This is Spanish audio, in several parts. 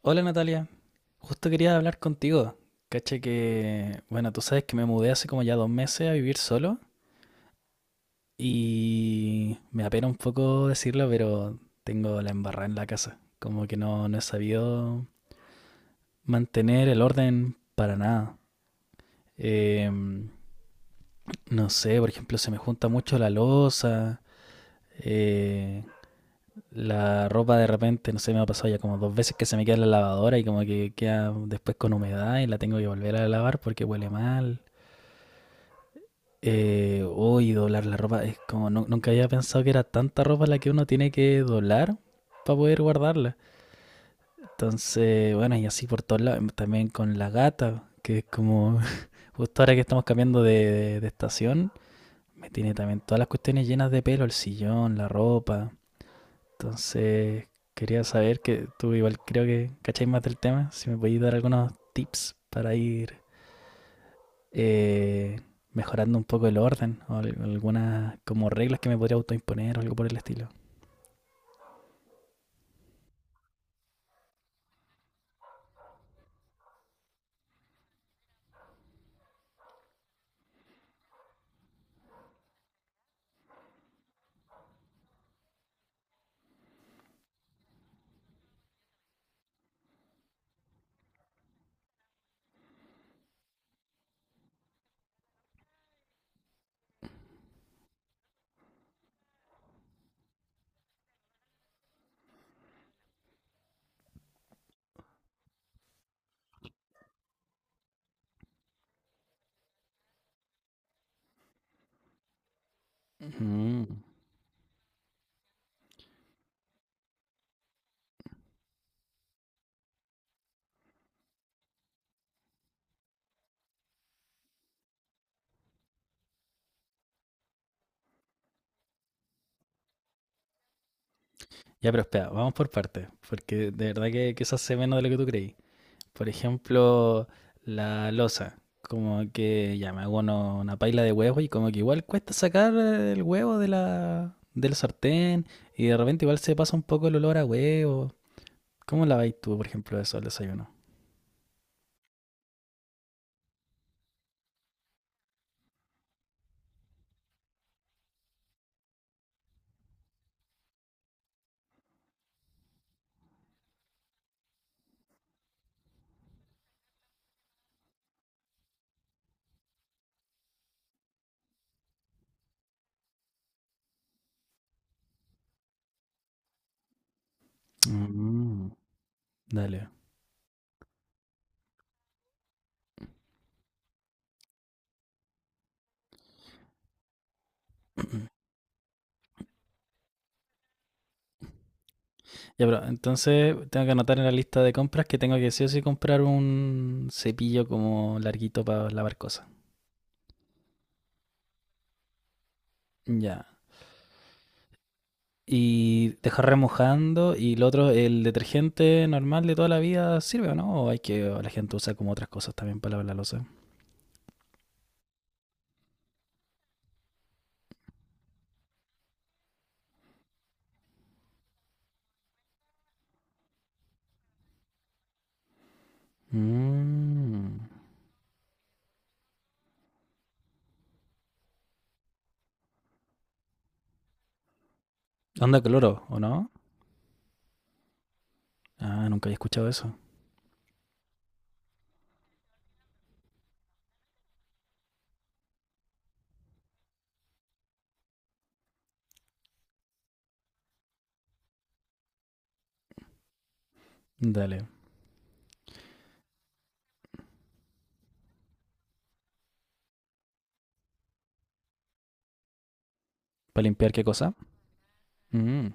Hola Natalia, justo quería hablar contigo. Caché que, bueno, tú sabes que me mudé hace como ya 2 meses a vivir solo y me apena un poco decirlo, pero tengo la embarrada en la casa. Como que no he sabido mantener el orden para nada. Em, no sé, por ejemplo, se me junta mucho la loza, eh, la ropa de repente, no sé, me ha pasado ya como 2 veces que se me queda en la lavadora y como que queda después con humedad y la tengo que volver a lavar porque huele mal. Doblar la ropa. Es como, nunca había pensado que era tanta ropa la que uno tiene que doblar para poder guardarla. Entonces, bueno, y así por todos lados. También con la gata, que es como, justo ahora que estamos cambiando de estación, me tiene también todas las cuestiones llenas de pelo, el sillón, la ropa. Entonces, quería saber que tú igual creo que cacháis más del tema, si me podéis dar algunos tips para ir eh, mejorando un poco el orden o algunas como reglas que me podría autoimponer o algo por el estilo. Ujú. Ya, pero espera, vamos por partes, porque de verdad que eso hace menos de lo que tú creí. Por ejemplo, la losa, como que ya me hago una paila de huevos y como que igual cuesta sacar el huevo de del sartén y de repente igual se pasa un poco el olor a huevo. ¿Cómo la vais tú, por ejemplo, eso al desayuno? Mm, dale. Ya, pero entonces tengo que anotar en la lista de compras que tengo que sí o sí comprar un cepillo como larguito para lavar cosas. Ya. Y dejar remojando. Y lo otro, ¿el detergente normal de toda la vida sirve o no? O hay que, o la gente usa como otras cosas también para lavar la loza. Mm. ¿Onda cloro, o no? Ah, nunca había escuchado eso. Dale. ¿Para limpiar qué cosa? Mm.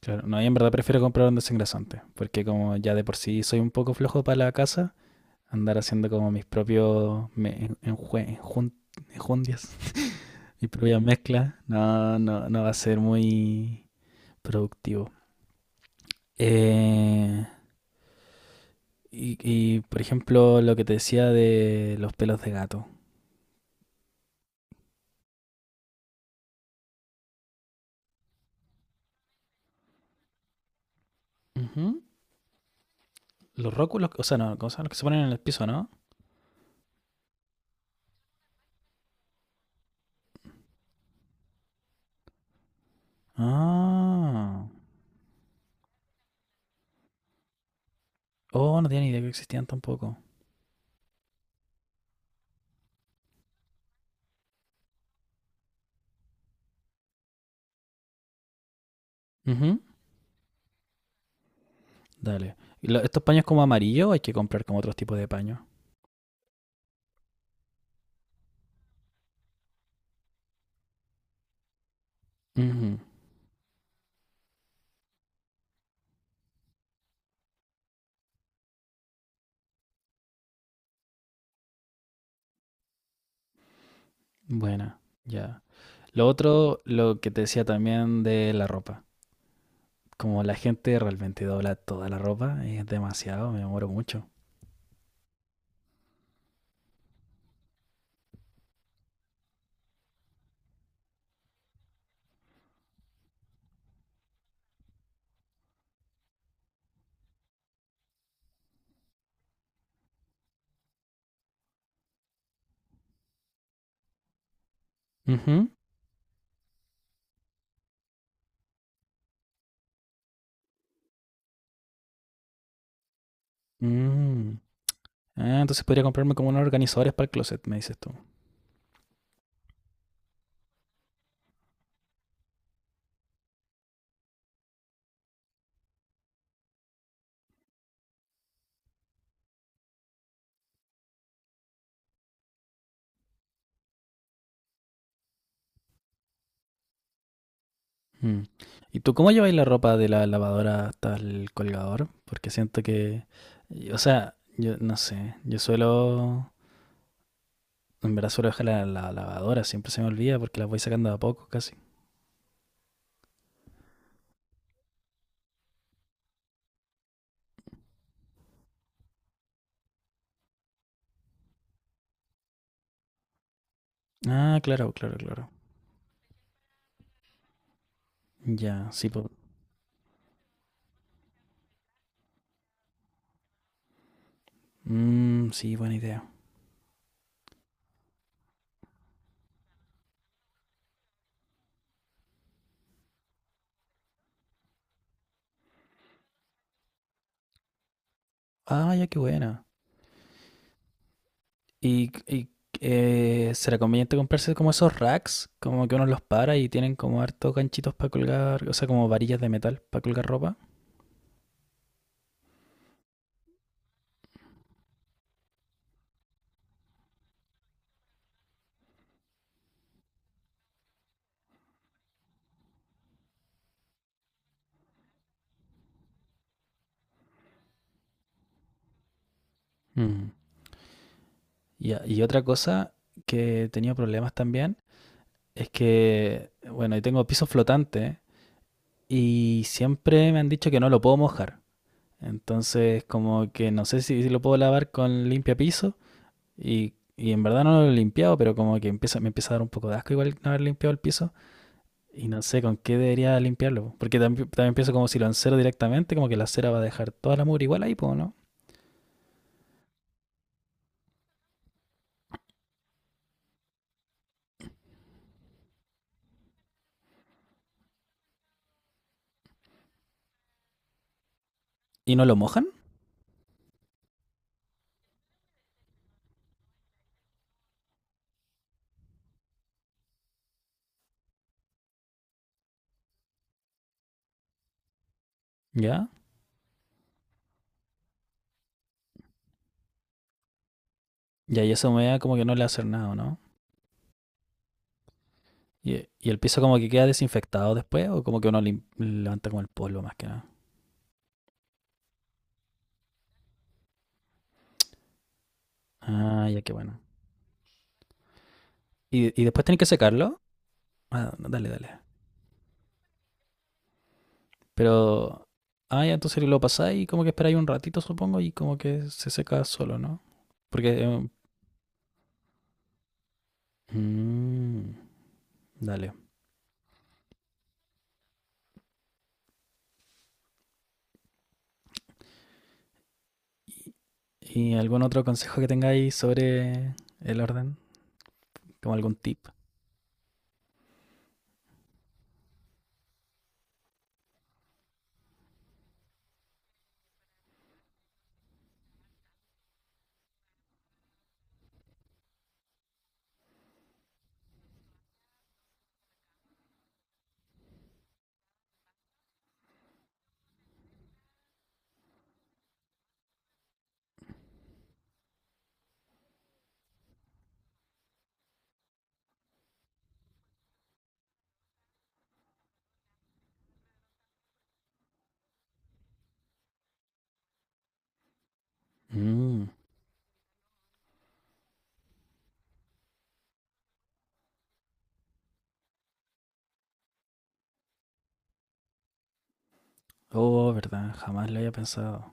Claro, no, y en verdad prefiero comprar un desengrasante, porque como ya de por sí soy un poco flojo para la casa, andar haciendo como mis propios enjundias, mis propias mezclas, no va a ser muy productivo. Eh, y, por ejemplo, lo que te decía de los pelos de gato. Ujú. Los róculos, o sea, no, ¿cómo se llaman? Los que se ponen en el piso, ¿no? Ah. Oh, no tenía ni idea que existían tampoco. Ujú. Dale. ¿Y estos paños como amarillo o hay que comprar como otros tipos de paño? Ujú. Buena, ya. Lo otro, lo que te decía también de la ropa. Como la gente realmente dobla toda la ropa, es demasiado, me demoro mucho. Ujú. Mm. Ah, entonces podría comprarme como unos organizadores para el closet, me dices tú. Mm. ¿Y tú cómo lleváis la ropa de la lavadora hasta el colgador? Porque siento que, o sea, yo no sé, yo suelo, en verdad suelo dejar la lavadora, siempre se me olvida porque la voy sacando de a poco casi. Ah, claro. Ya, sí, po. Mm, sí, buena idea. Ah, ya, qué buena. ¿Y, será conveniente comprarse como esos racks? Como que uno los para y tienen como hartos ganchitos para colgar, o sea, como varillas de metal para colgar ropa. Mm. Ya. Y otra cosa que he tenido problemas también es que, bueno, yo tengo piso flotante y siempre me han dicho que no lo puedo mojar. Entonces, como que no sé si, si lo puedo lavar con limpia piso y en verdad no lo he limpiado, pero como que empieza, me empieza a dar un poco de asco igual no haber limpiado el piso. Y no sé con qué debería limpiarlo, po. Porque también, también pienso como si lo encero directamente, como que la cera va a dejar toda la mugre igual ahí, po, ¿no? ¿Y no lo mojan? ¿Ya? ¿Y ahí eso me da como que no le hace nada, no? Y ¿el piso como que queda desinfectado después, o como que uno levanta como el polvo más que nada? Ah, ya qué bueno. Y después tenés que secarlo. Ah, no, dale, dale. Pero. Ah, ¿ya entonces lo pasáis y como que esperáis un ratito, supongo, y como que se seca solo, no? Porque. Mm, dale. ¿Y algún otro consejo que tengáis sobre el orden? ¿Como algún tip? Mm. Oh, verdad, jamás lo había pensado.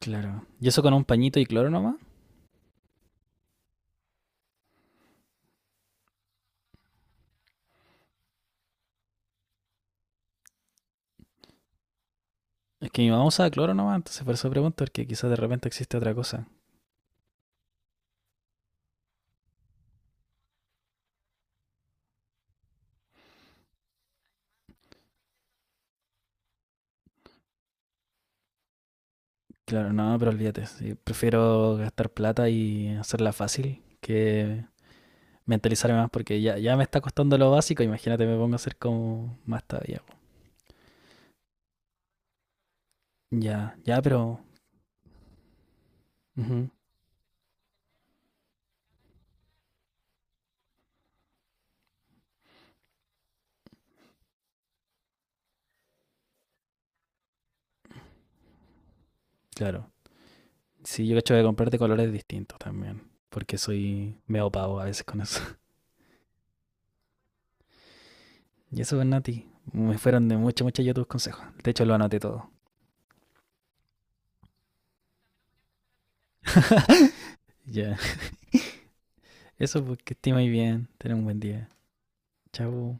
Claro. ¿Y eso con un pañito y cloro nomás? Es que mi mamá usaba cloro nomás, entonces por eso pregunto, porque quizás de repente existe otra cosa. Claro, no, pero olvídate. Sí, prefiero gastar plata y hacerla fácil que mentalizarme más, porque ya me está costando lo básico. Imagínate, me pongo a hacer como más todavía. Ya, ya, pero. Ujú, claro. Sí, yo cacho de comprarte colores distintos también. Porque soy medio pavo a veces con eso. Y eso, pues, Nati. Me fueron de mucho, mucho ya tus consejos. De hecho, lo anoté todo. Ya. Eso, porque esté muy bien. Ten un buen día. Chau.